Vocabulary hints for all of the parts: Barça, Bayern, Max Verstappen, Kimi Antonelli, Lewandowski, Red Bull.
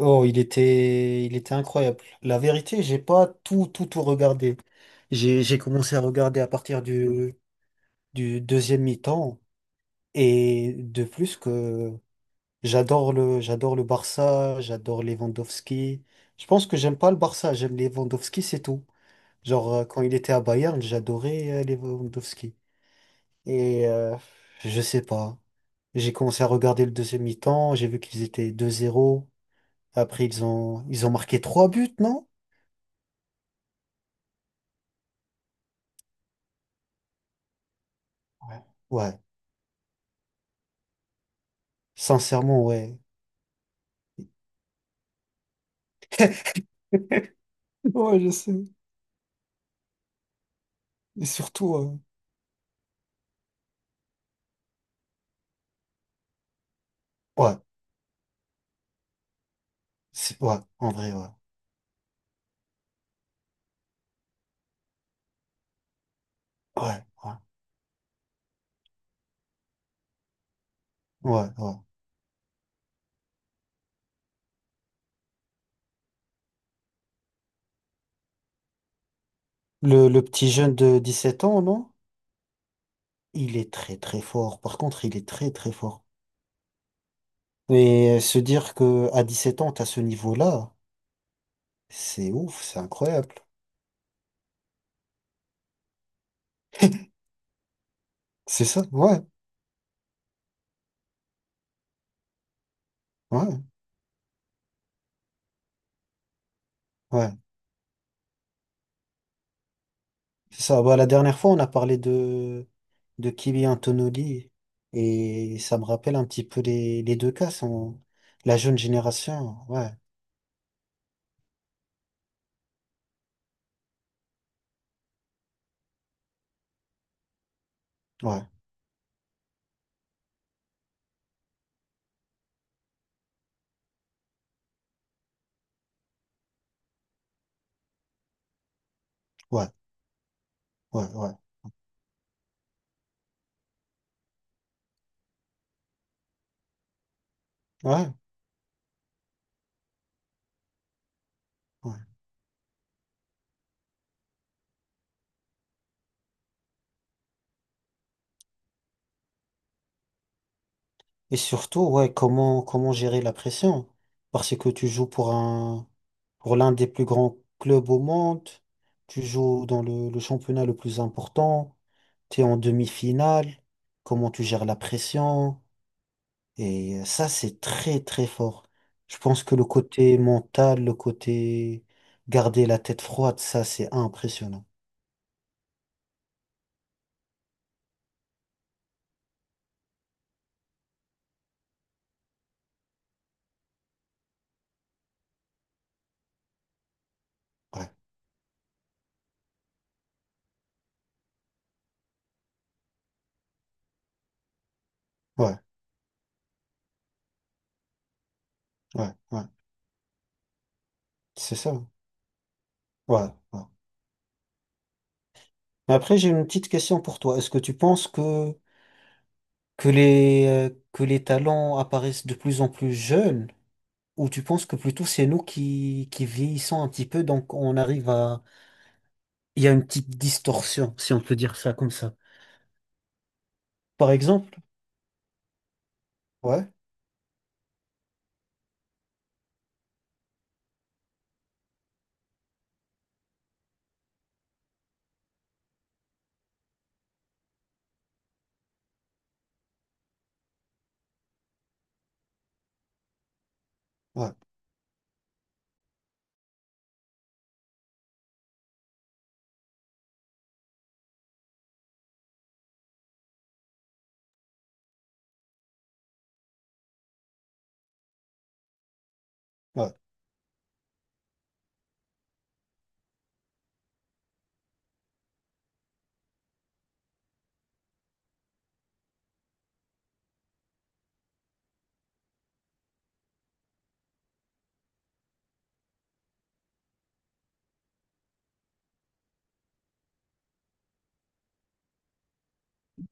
Oh, il était incroyable. La vérité, j'ai pas tout, tout, tout regardé. J'ai commencé à regarder à partir du deuxième mi-temps. Et de plus que j'adore le Barça, j'adore Lewandowski. Je pense que j'aime pas le Barça, j'aime Lewandowski, c'est tout. Genre, quand il était à Bayern, j'adorais Lewandowski. Et je sais pas. J'ai commencé à regarder le deuxième mi-temps, j'ai vu qu'ils étaient 2-0. Après, ils ont marqué trois buts, non? Ouais, sincèrement, ouais. Ouais, je sais. Et surtout, ouais, ouais, en vrai, ouais. Ouais, ouais, ouais, ouais. Le petit jeune de 17 ans, non? Il est très, très fort. Par contre, il est très, très fort. Et se dire que à 17 ans, t'as ce niveau-là, c'est ouf, c'est incroyable. C'est ça, ouais, ouais, ouais. C'est ça. Bah, la dernière fois, on a parlé de Kimi Antonelli et ça me rappelle un petit peu les deux cas. Sont la jeune génération. Ouais, ouais, ouais, ouais, ouais, ouais, ouais. Et surtout, ouais, comment gérer la pression? Parce que tu joues pour un, pour l'un des plus grands clubs au monde, tu joues dans le championnat le plus important, tu es en demi-finale. Comment tu gères la pression? Et ça, c'est très, très fort. Je pense que le côté mental, le côté garder la tête froide, ça, c'est impressionnant. Ouais, ouais, ouais, ouais. C'est ça. Ouais, ouais. Mais après, j'ai une petite question pour toi. Est-ce que tu penses que, que les talents apparaissent de plus en plus jeunes? Ou tu penses que plutôt c'est nous qui vieillissons un petit peu, donc on arrive à. Il y a une petite distorsion, si on peut dire ça comme ça. Par exemple? Ouais, ouais, ouais,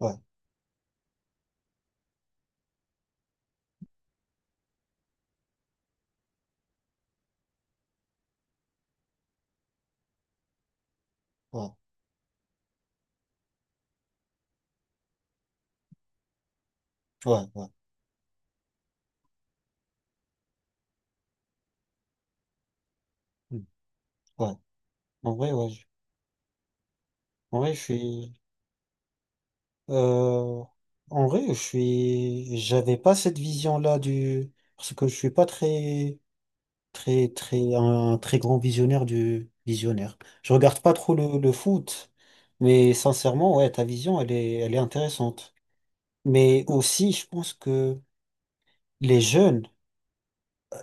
ouais, ouais, ouais, ouais. Ouais. En vrai, ouais. En vrai, je suis. euh, En vrai, je suis. J'avais pas cette vision-là du. Parce que je suis pas très, très, très, un très grand visionnaire du visionnaire. Je regarde pas trop le foot, mais sincèrement, ouais, ta vision, elle est intéressante. Mais aussi, je pense que les jeunes,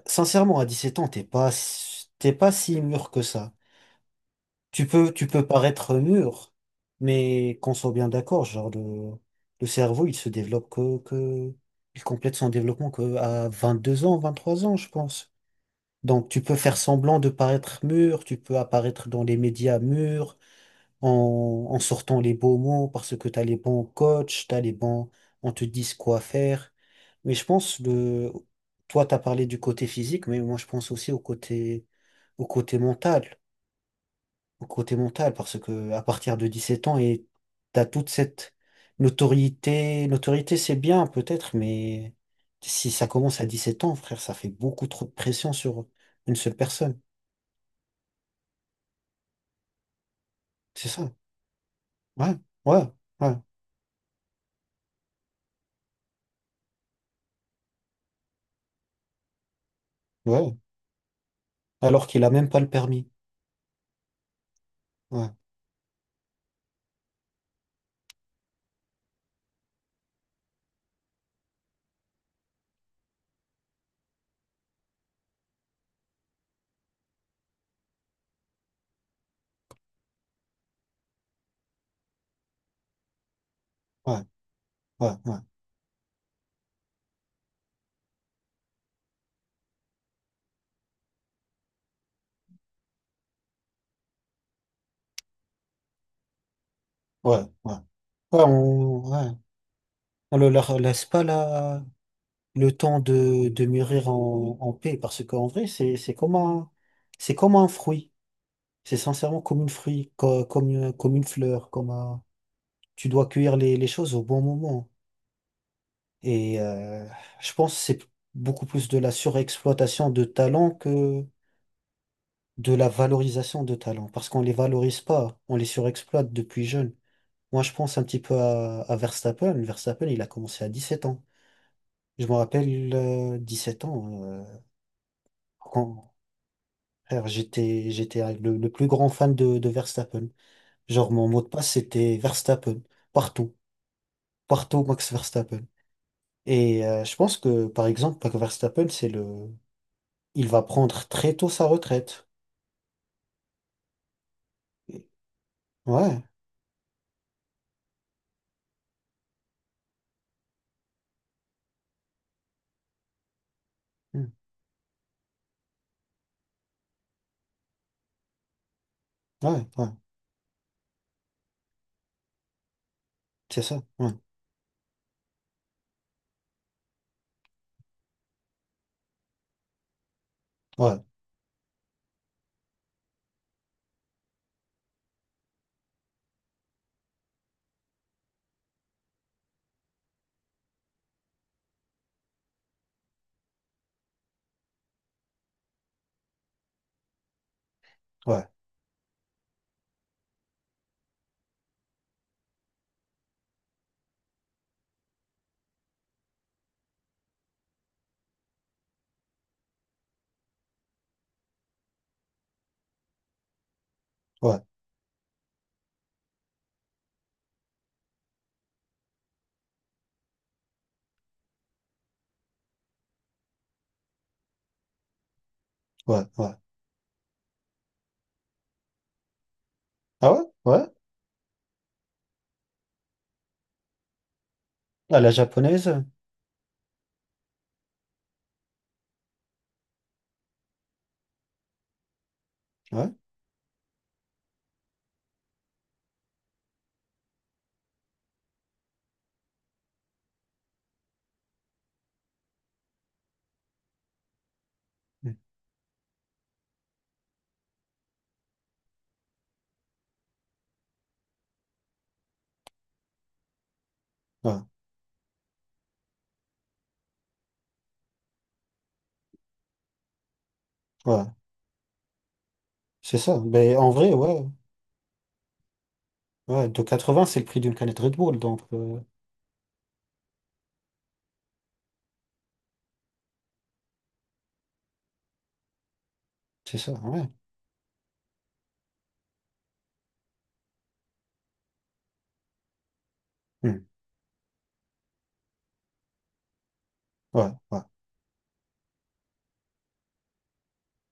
sincèrement, à 17 ans, t'es pas, t'es pas si mûr que ça. Tu peux paraître mûr, mais qu'on soit bien d'accord, genre le cerveau, il se développe que il complète son développement que à 2 ans, 23 ans, je pense. Donc tu peux faire semblant de paraître mûr, tu peux apparaître dans les médias mûrs, en sortant les beaux mots parce que t'as les bons coachs, t'as les bons, on te dit quoi faire. Mais je pense de, toi t'as parlé du côté physique, mais moi je pense aussi au côté, au côté mental au côté mental, parce que à partir de 17 ans, et t'as toute cette notoriété. Notoriété, c'est bien peut-être, mais si ça commence à 17 ans, frère, ça fait beaucoup trop de pression sur une seule personne. C'est ça. Ouais, ouais, ouais, ouais. Alors qu'il a même pas le permis. Ouais, ouais, ouais, ouais, ouais, ouais. Ouais, ouais, on, ouais. On ne leur laisse pas la, le temps de mûrir en paix, parce qu'en vrai, c'est comme un, c'est comme un fruit. C'est sincèrement comme une fruit, comme, comme une fleur, comme un. Tu dois cueillir les choses au bon moment. Et je pense que c'est beaucoup plus de la surexploitation de talents que de la valorisation de talents, parce qu'on les valorise pas, on les surexploite depuis jeune. Moi, je pense un petit peu à Verstappen. Verstappen, il a commencé à 17 ans. Je me rappelle, 7 ans, quand frère, j'étais le plus grand fan de Verstappen. Genre, mon mot de passe, c'était Verstappen, partout. Partout Max Verstappen. Et je pense que, par exemple, Max Verstappen, c'est le. Il va prendre très tôt sa retraite. Et- Ouais, hmm, ouais, ouais, c'est ça. Ouais, ouais, ouais, ouais, ouais, ouais. Ah ouais? Ouais? À la japonaise? Ouais, hmm, ouais, ouais, c'est ça. Mais en vrai, ouais, ouais, de vingts c'est le prix d'une canette Red Bull, donc c'est ça, ouais, hmm, ouais, ouais.